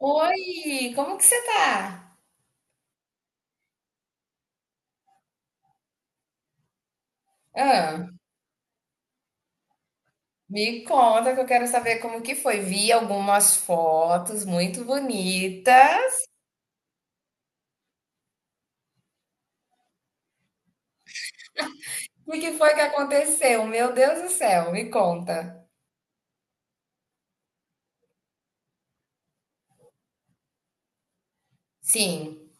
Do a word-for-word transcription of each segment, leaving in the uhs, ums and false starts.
Oi, como que você tá? Ah, me conta que eu quero saber como que foi. Vi algumas fotos muito bonitas. O que foi que aconteceu? Meu Deus do céu, me conta. Sim.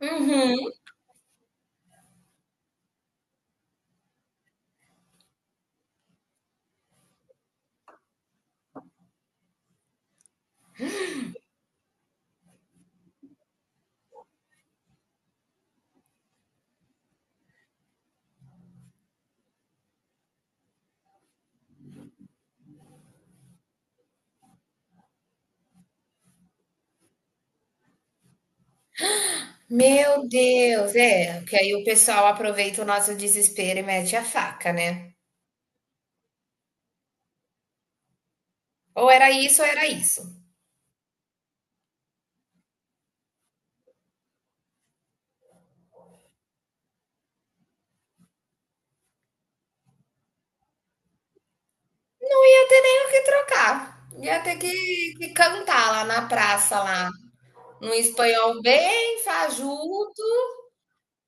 Uhum. Meu Deus, é, porque aí o pessoal aproveita o nosso desespero e mete a faca, né? Ou era isso ou era isso. Não ia ter nem o que trocar. Ia ter que, que cantar lá na praça, lá, num espanhol bem fajuto.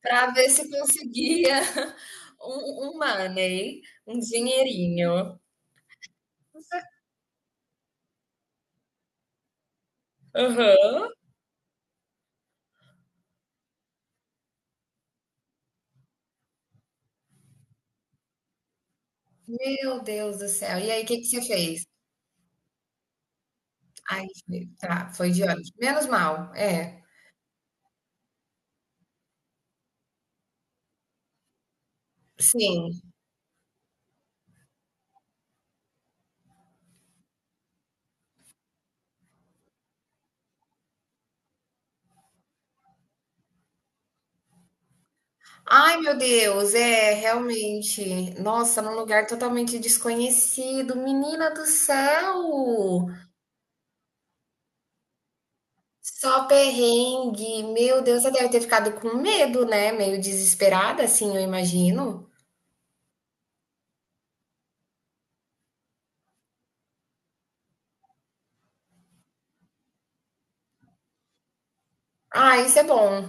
Para ver se conseguia um um money, um dinheirinho. Aham. Meu Deus do céu. E aí, o que que você fez? Ai, foi tá, foi de ônibus. Menos mal, é. Sim. Ai, meu Deus, é, realmente. Nossa, num lugar totalmente desconhecido. Menina do céu! Só perrengue. Meu Deus, você deve ter ficado com medo, né? Meio desesperada, assim, eu imagino. Ah, isso é bom.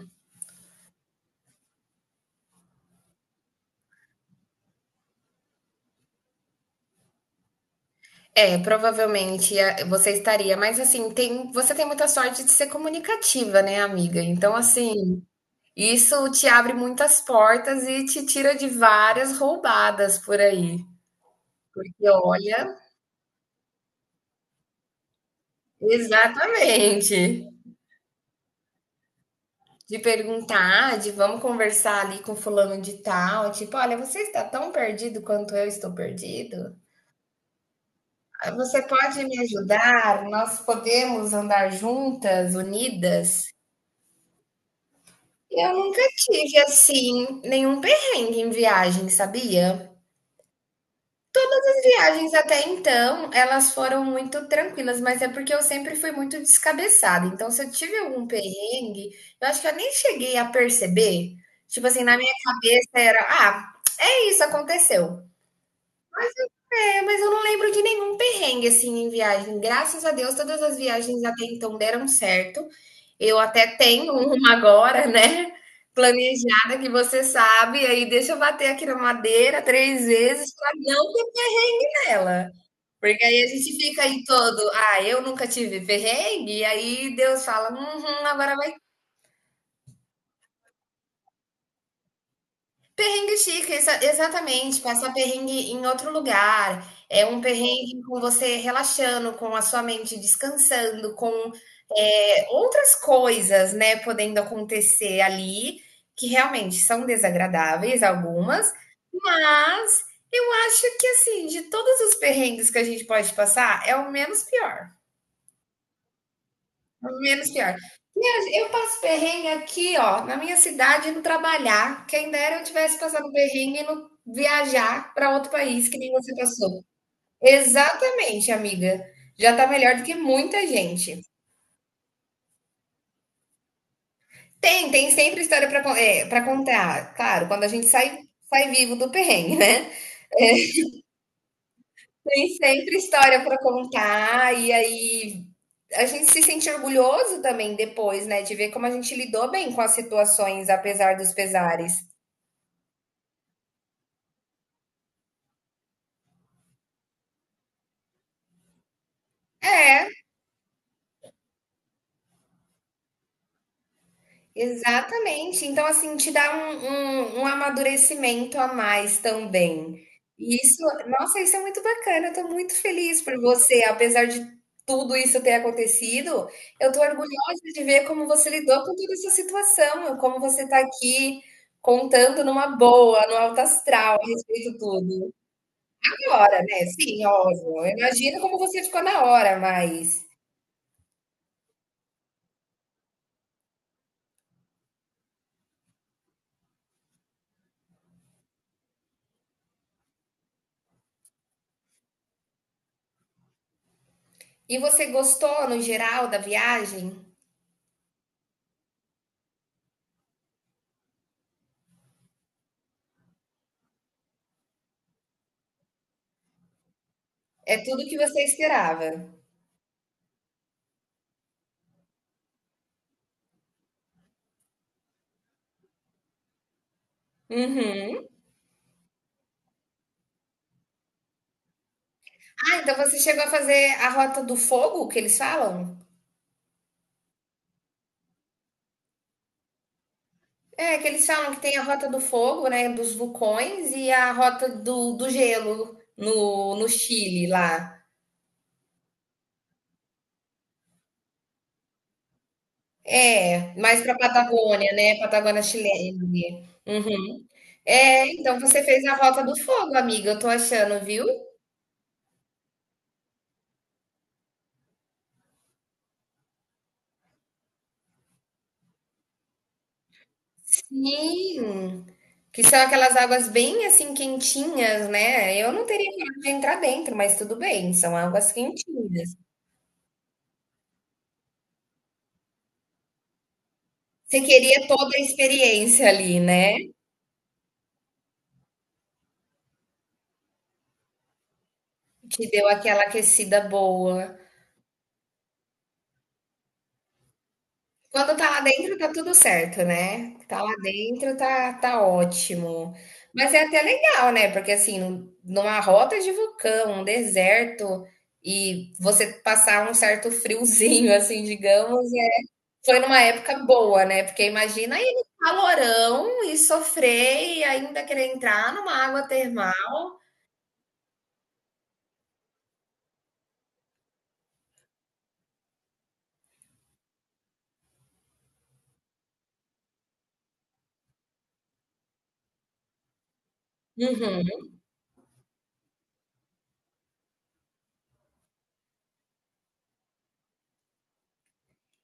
É, provavelmente a- você estaria, mas assim, tem, você tem muita sorte de ser comunicativa, né, amiga? Então, assim, isso te abre muitas portas e te tira de várias roubadas por aí. E olha, exatamente. De perguntar, de vamos conversar ali com fulano de tal, tipo, olha, você está tão perdido quanto eu estou perdido? Você pode me ajudar? Nós podemos andar juntas, unidas? Eu nunca tive, assim, nenhum perrengue em viagem, sabia? Viagens até então, elas foram muito tranquilas, mas é porque eu sempre fui muito descabeçada. Então, se eu tive algum perrengue, eu acho que eu nem cheguei a perceber. Tipo assim, na minha cabeça era: ah, é isso, aconteceu. É, mas eu não lembro de nenhum perrengue assim em viagem. Graças a Deus, todas as viagens até então deram certo. Eu até tenho uma agora, né? Planejada, que você sabe, aí deixa eu bater aqui na madeira três vezes para não ter ela. Porque aí a gente fica aí todo: ah, eu nunca tive perrengue, e aí Deus fala: uhum, agora vai. Perrengue chique, exa exatamente, passar perrengue em outro lugar é um perrengue com você relaxando, com a sua mente descansando, com, eh, outras coisas, né, podendo acontecer ali, que realmente são desagradáveis algumas, mas eu acho que, assim, de todos os perrengues que a gente pode passar, é o menos pior, menos pior. E eu passo perrengue aqui, ó, na minha cidade, no trabalhar. Quem dera eu tivesse passado um perrengue no viajar para outro país, que nem você passou. Exatamente, amiga. Já tá melhor do que muita gente. Tem, tem sempre história para é, para contar. Claro, quando a gente sai, sai vivo do perrengue, né? É, tem sempre história para contar, e aí a gente se sente orgulhoso também depois, né, de ver como a gente lidou bem com as situações, apesar dos pesares. É, exatamente. Então, assim, te dá um um um amadurecimento a mais também. E isso, nossa, isso é muito bacana, eu tô muito feliz por você, apesar de tudo isso ter acontecido, eu tô orgulhosa de ver como você lidou com toda essa situação, como você tá aqui contando numa boa, no alto astral a respeito de tudo. Na hora, né, sim, óbvio, eu imagino como você ficou na hora, mas e você gostou no geral da viagem? É tudo o que você esperava. Uhum. Ah, então você chegou a fazer a Rota do Fogo, que eles falam? É, que eles falam que tem a Rota do Fogo, né, dos vulcões, e a Rota do, do Gelo no, no Chile, lá. É, mais pra Patagônia, né, Patagônia chilene. Uhum. É, então você fez a Rota do Fogo, amiga, eu tô achando, viu? Sim, que são aquelas águas bem, assim, quentinhas, né? Eu não teria coragem de entrar dentro, mas tudo bem, são águas quentinhas. Você queria toda a experiência ali, né, que deu aquela aquecida boa. Quando tá lá dentro tá tudo certo, né, tá lá dentro tá tá ótimo. Mas é até legal, né, porque assim, num- numa rota de vulcão, um deserto, e você passar um certo friozinho, assim, digamos, eh, foi numa época boa, né, porque imagina ir no calorão e sofrer e ainda querer entrar numa água termal. Uhum.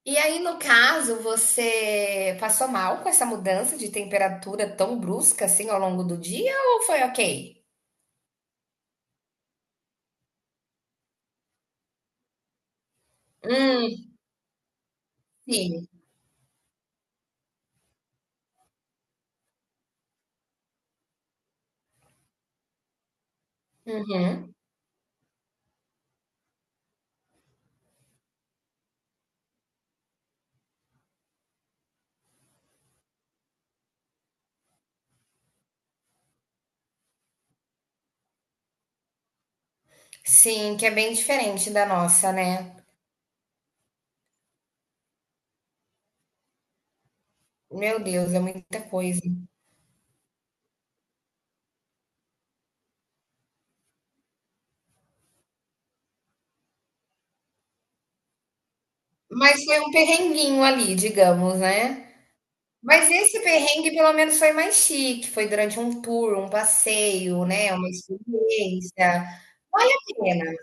E aí, no caso, você passou mal com essa mudança de temperatura tão brusca assim ao longo do dia ou foi ok? Hum, sim. Uhum. Sim, que é bem diferente da nossa, né? Meu Deus, é muita coisa. Mas foi um perrenguinho ali, digamos, né? Mas esse perrengue pelo menos foi mais chique, foi durante um tour, um passeio, né, uma experiência. Vale a pena.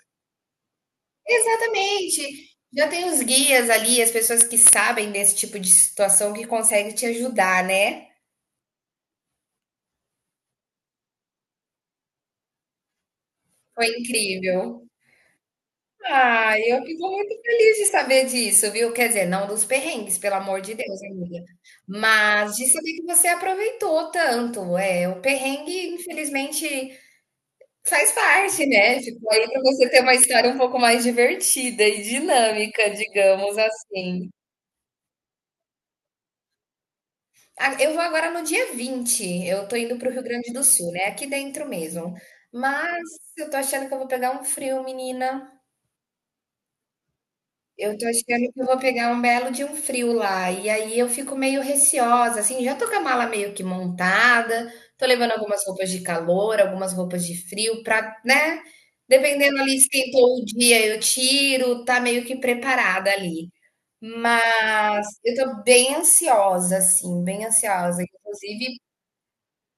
Exatamente. Já tem os guias ali, as pessoas que sabem desse tipo de situação que conseguem te ajudar, né? Foi incrível. Ah, eu fico muito feliz de saber disso, viu? Quer dizer, não dos perrengues, pelo amor de Deus, amiga. Mas de saber que você aproveitou tanto. É, o perrengue, infelizmente, faz parte, né? Ficou aí para você ter uma história um pouco mais divertida e dinâmica, digamos assim. Ah, eu vou agora no dia vinte. Eu tô indo para o Rio Grande do Sul, né, aqui dentro mesmo. Mas eu tô achando que eu vou pegar um frio, menina. Eu tô achando que eu vou pegar um belo de um frio lá. E aí eu fico meio receosa, assim. Já tô com a mala meio que montada, tô levando algumas roupas de calor, algumas roupas de frio, pra, né? Dependendo ali, esquentou o dia, eu tiro, tá meio que preparada ali. Mas eu tô bem ansiosa, assim, bem ansiosa. Inclusive,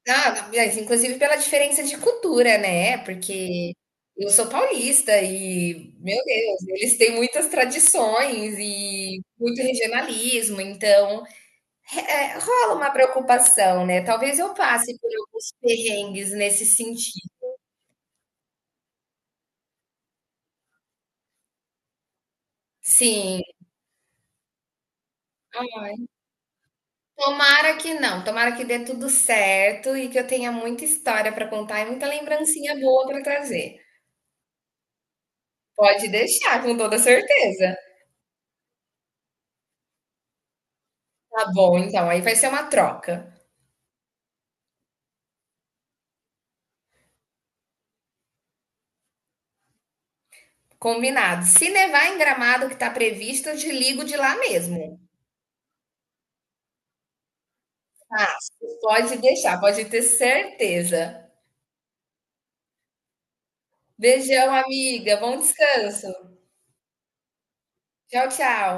ah, mas inclusive pela diferença de cultura, né, porque eu sou paulista e, meu Deus, eles têm muitas tradições e muito regionalismo, então, eh, rola uma preocupação, né, talvez eu passe por alguns perrengues nesse sentido. Sim, ai, tomara que não, tomara que dê tudo certo e que eu tenha muita história para contar e muita lembrancinha boa para trazer. Pode deixar, com toda certeza. Tá bom, então, aí vai ser uma troca. Combinado. Se nevar em Gramado, que tá previsto, eu te ligo de lá mesmo. Pode deixar, pode ter certeza. Beijão, amiga. Bom descanso. Tchau, tchau.